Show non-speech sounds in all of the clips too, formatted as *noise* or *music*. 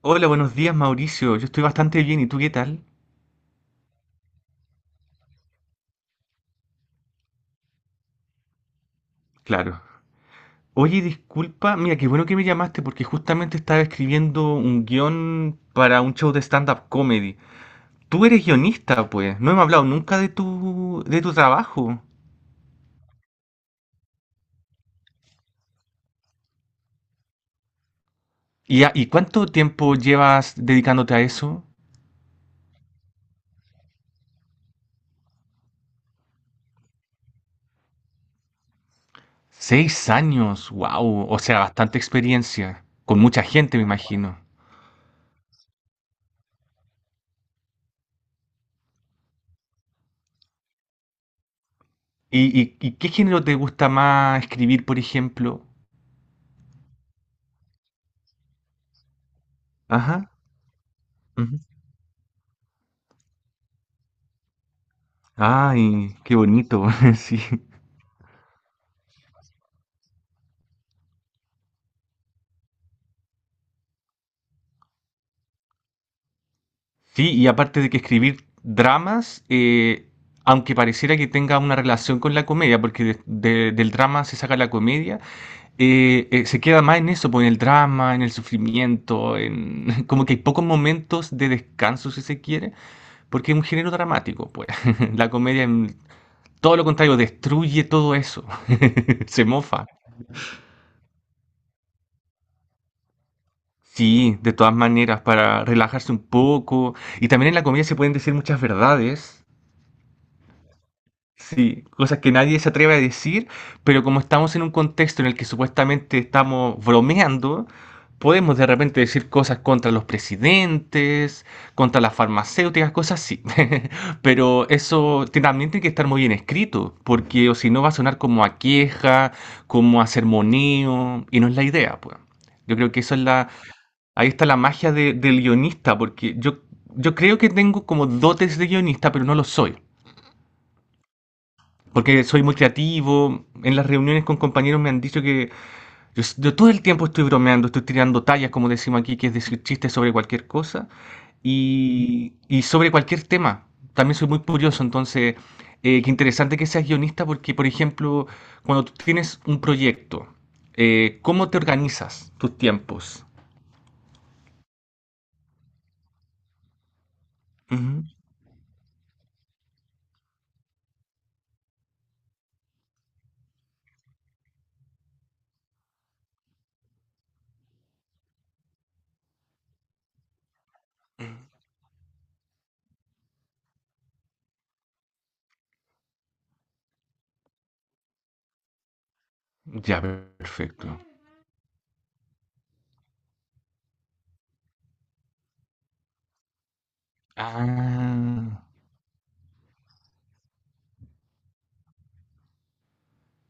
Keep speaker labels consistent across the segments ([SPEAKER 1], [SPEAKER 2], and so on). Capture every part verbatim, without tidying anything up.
[SPEAKER 1] Hola, buenos días, Mauricio. Yo estoy bastante bien, ¿y tú qué tal? Claro. Oye, disculpa, mira, qué bueno que me llamaste porque justamente estaba escribiendo un guión para un show de stand-up comedy. Tú eres guionista, pues. No hemos hablado nunca de tu, de tu trabajo. ¿Y, a- y cuánto tiempo llevas dedicándote a eso? Seis años, wow. O sea, bastante experiencia. Con mucha gente, me imagino. ¿Y, y- y qué género te gusta más escribir, por ejemplo? Ajá. Ay, qué bonito, *laughs* sí. Sí, y aparte de que escribir dramas, eh, aunque pareciera que tenga una relación con la comedia, porque de- de- del drama se saca la comedia, eh, eh, se queda más en eso, pues, en el drama, en el sufrimiento, en *laughs* como que hay pocos momentos de descanso, si se quiere, porque es un género dramático, pues. *laughs* La comedia, en todo lo contrario, destruye todo eso, *laughs* se mofa. Sí, de todas maneras, para relajarse un poco. Y también en la comida se pueden decir muchas verdades. Sí, cosas que nadie se atreve a decir, pero como estamos en un contexto en el que supuestamente estamos bromeando, podemos de repente decir cosas contra los presidentes, contra las farmacéuticas, cosas así. *laughs* Pero eso te- también tiene que estar muy bien escrito, porque o si no va a sonar como a queja, como a sermoneo, y no es la idea, pues. Yo creo que eso es la, ahí está la magia de- del guionista, porque yo, yo creo que tengo como dotes de guionista, pero no lo soy. Porque soy muy creativo, en las reuniones con compañeros me han dicho que yo, s- yo todo el tiempo estoy bromeando, estoy tirando tallas, como decimos aquí, que es decir chistes sobre cualquier cosa y, y sobre cualquier tema. También soy muy curioso, entonces, eh, qué interesante que seas guionista porque, por ejemplo, cuando tú tienes un proyecto, eh, ¿cómo te organizas tus tiempos? Ujú. Ya, perfecto. Ah.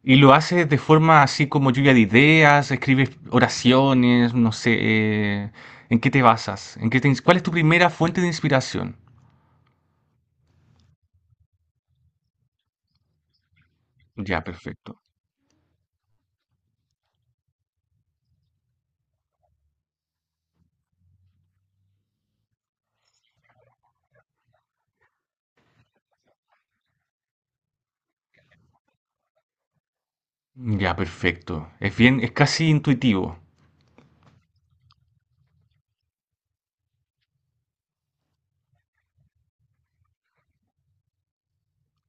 [SPEAKER 1] Y lo hace de forma así como lluvia de ideas, escribes oraciones, no sé, eh, ¿en qué te basas? ¿En qué te ins- ¿Cuál es tu primera fuente de inspiración? Ya, perfecto. Ya, perfecto. Es bien, es casi intuitivo,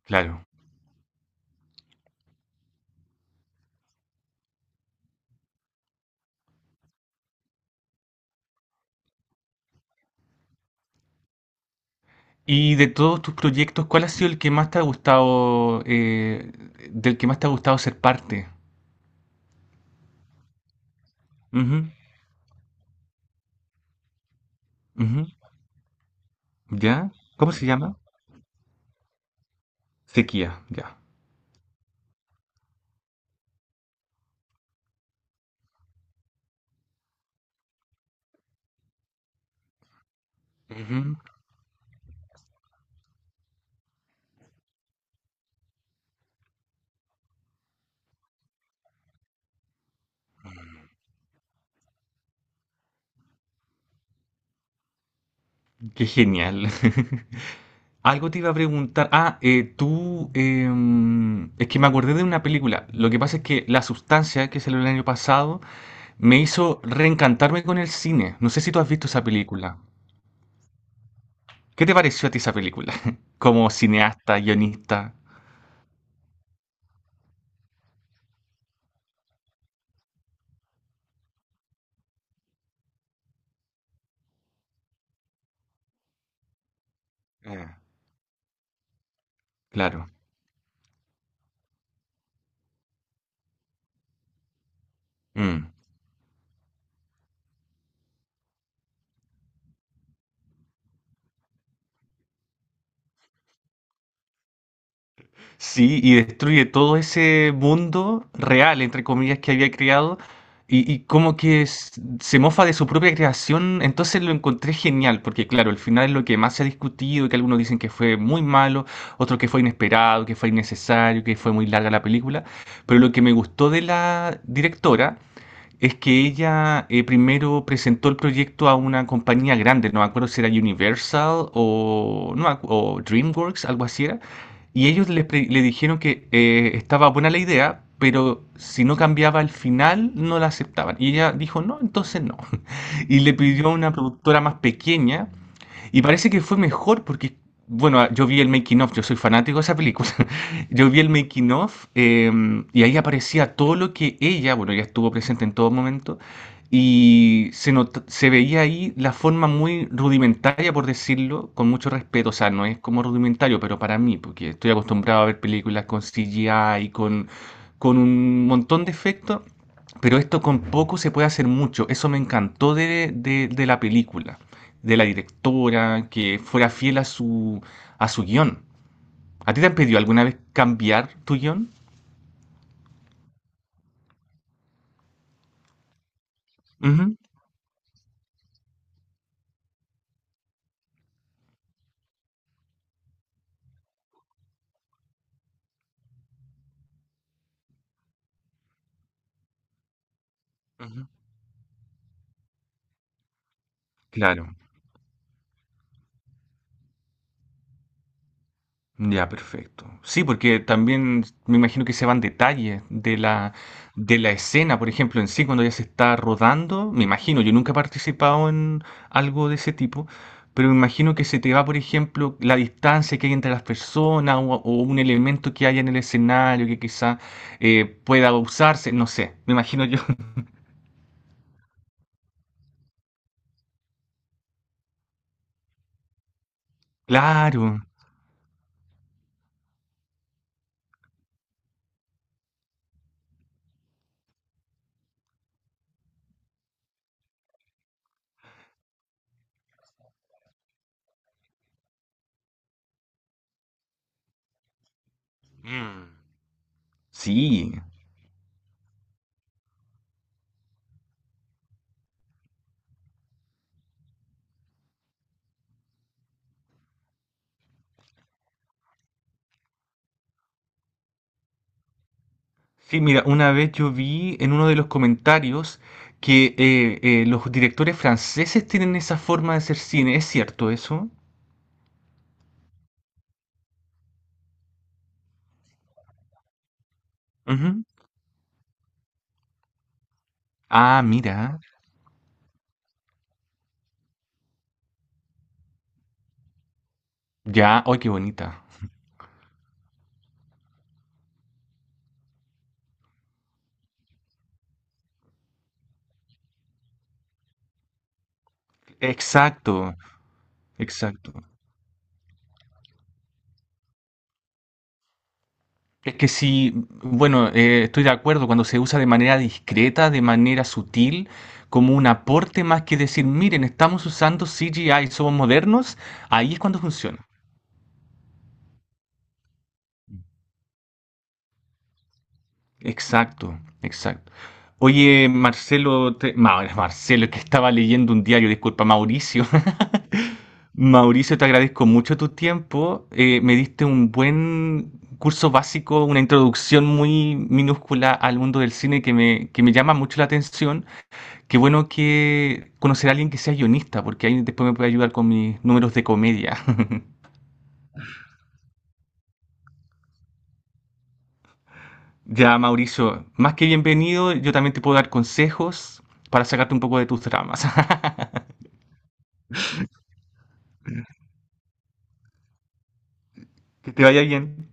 [SPEAKER 1] claro. Y de todos tus proyectos, ¿cuál ha sido el que más te ha gustado, eh, del que más te ha gustado ser parte? Ujú, ujú. ¿Ya? ¿Cómo se llama? Sequía, ya. Ujú. Qué genial. *laughs* Algo te iba a preguntar. Ah, eh, tú. em, es que me acordé de una película. Lo que pasa es que La Sustancia, que salió el año pasado, me hizo reencantarme con el cine. No sé si tú has visto esa película. ¿Qué te pareció a ti esa película? *laughs* Como cineasta, guionista. Ah, claro. Mm. Sí, y destruye todo ese mundo real, entre comillas, que había creado, y, y como que s- se mofa de su propia creación, entonces lo encontré genial, porque claro, el final es lo que más se ha discutido, que algunos dicen que fue muy malo, otros que fue inesperado, que fue innecesario, que fue muy larga la película, pero lo que me gustó de la directora es que ella eh, primero presentó el proyecto a una compañía grande, no me acuerdo si era Universal o, no, me acu- o DreamWorks, algo así era, y ellos le, pre- le dijeron que eh, estaba buena la idea, pero si no cambiaba el final no la aceptaban. Y ella dijo, no, entonces no. *laughs* Y le pidió a una productora más pequeña y parece que fue mejor porque, bueno, yo vi el making of, yo soy fanático de esa película. *laughs* Yo vi el making of eh, y ahí aparecía todo lo que ella, bueno, ella estuvo presente en todo momento y se nota- se veía ahí la forma muy rudimentaria, por decirlo, con mucho respeto. O sea, no es como rudimentario, pero para mí, porque estoy acostumbrado a ver películas con C G I y con, con un montón de efectos, pero esto con poco se puede hacer mucho. Eso me encantó de, de de la película de la directora, que fuera fiel a su, a su guión. ¿A ti te han pedido alguna vez cambiar tu guión? Ujú, ujú. Claro, ya, perfecto. Sí, porque también me imagino que se van detalles de la, de la escena, por ejemplo, en sí, cuando ya se está rodando, me imagino, yo nunca he participado en algo de ese tipo, pero me imagino que se te va, por ejemplo, la distancia que hay entre las personas o, o un elemento que haya en el escenario que quizá eh, pueda usarse, no sé, me imagino yo. Claro, sí. Sí, mira, una vez yo vi en uno de los comentarios que eh, eh, los directores franceses tienen esa forma de hacer cine. ¿Es cierto eso? Ujú. Ah, mira. Ya, ¡ay, qué bonita! Exacto, exacto. Es que sí, bueno, eh, estoy de acuerdo cuando se usa de manera discreta, de manera sutil, como un aporte más que decir, miren, estamos usando C G I, somos modernos, ahí es cuando funciona. Exacto, exacto. Oye, Marcelo, te- Ma- Marcelo, es que estaba leyendo un diario, disculpa, Mauricio. *laughs* Mauricio, te agradezco mucho tu tiempo. Eh, me diste un buen curso básico, una introducción muy minúscula al mundo del cine que me, que me llama mucho la atención. Qué bueno que conocer a alguien que sea guionista, porque ahí después me puede ayudar con mis números de comedia. *laughs* Ya, Mauricio, más que bienvenido, yo también te puedo dar consejos para sacarte un poco de tus dramas. *laughs* Que te vaya bien.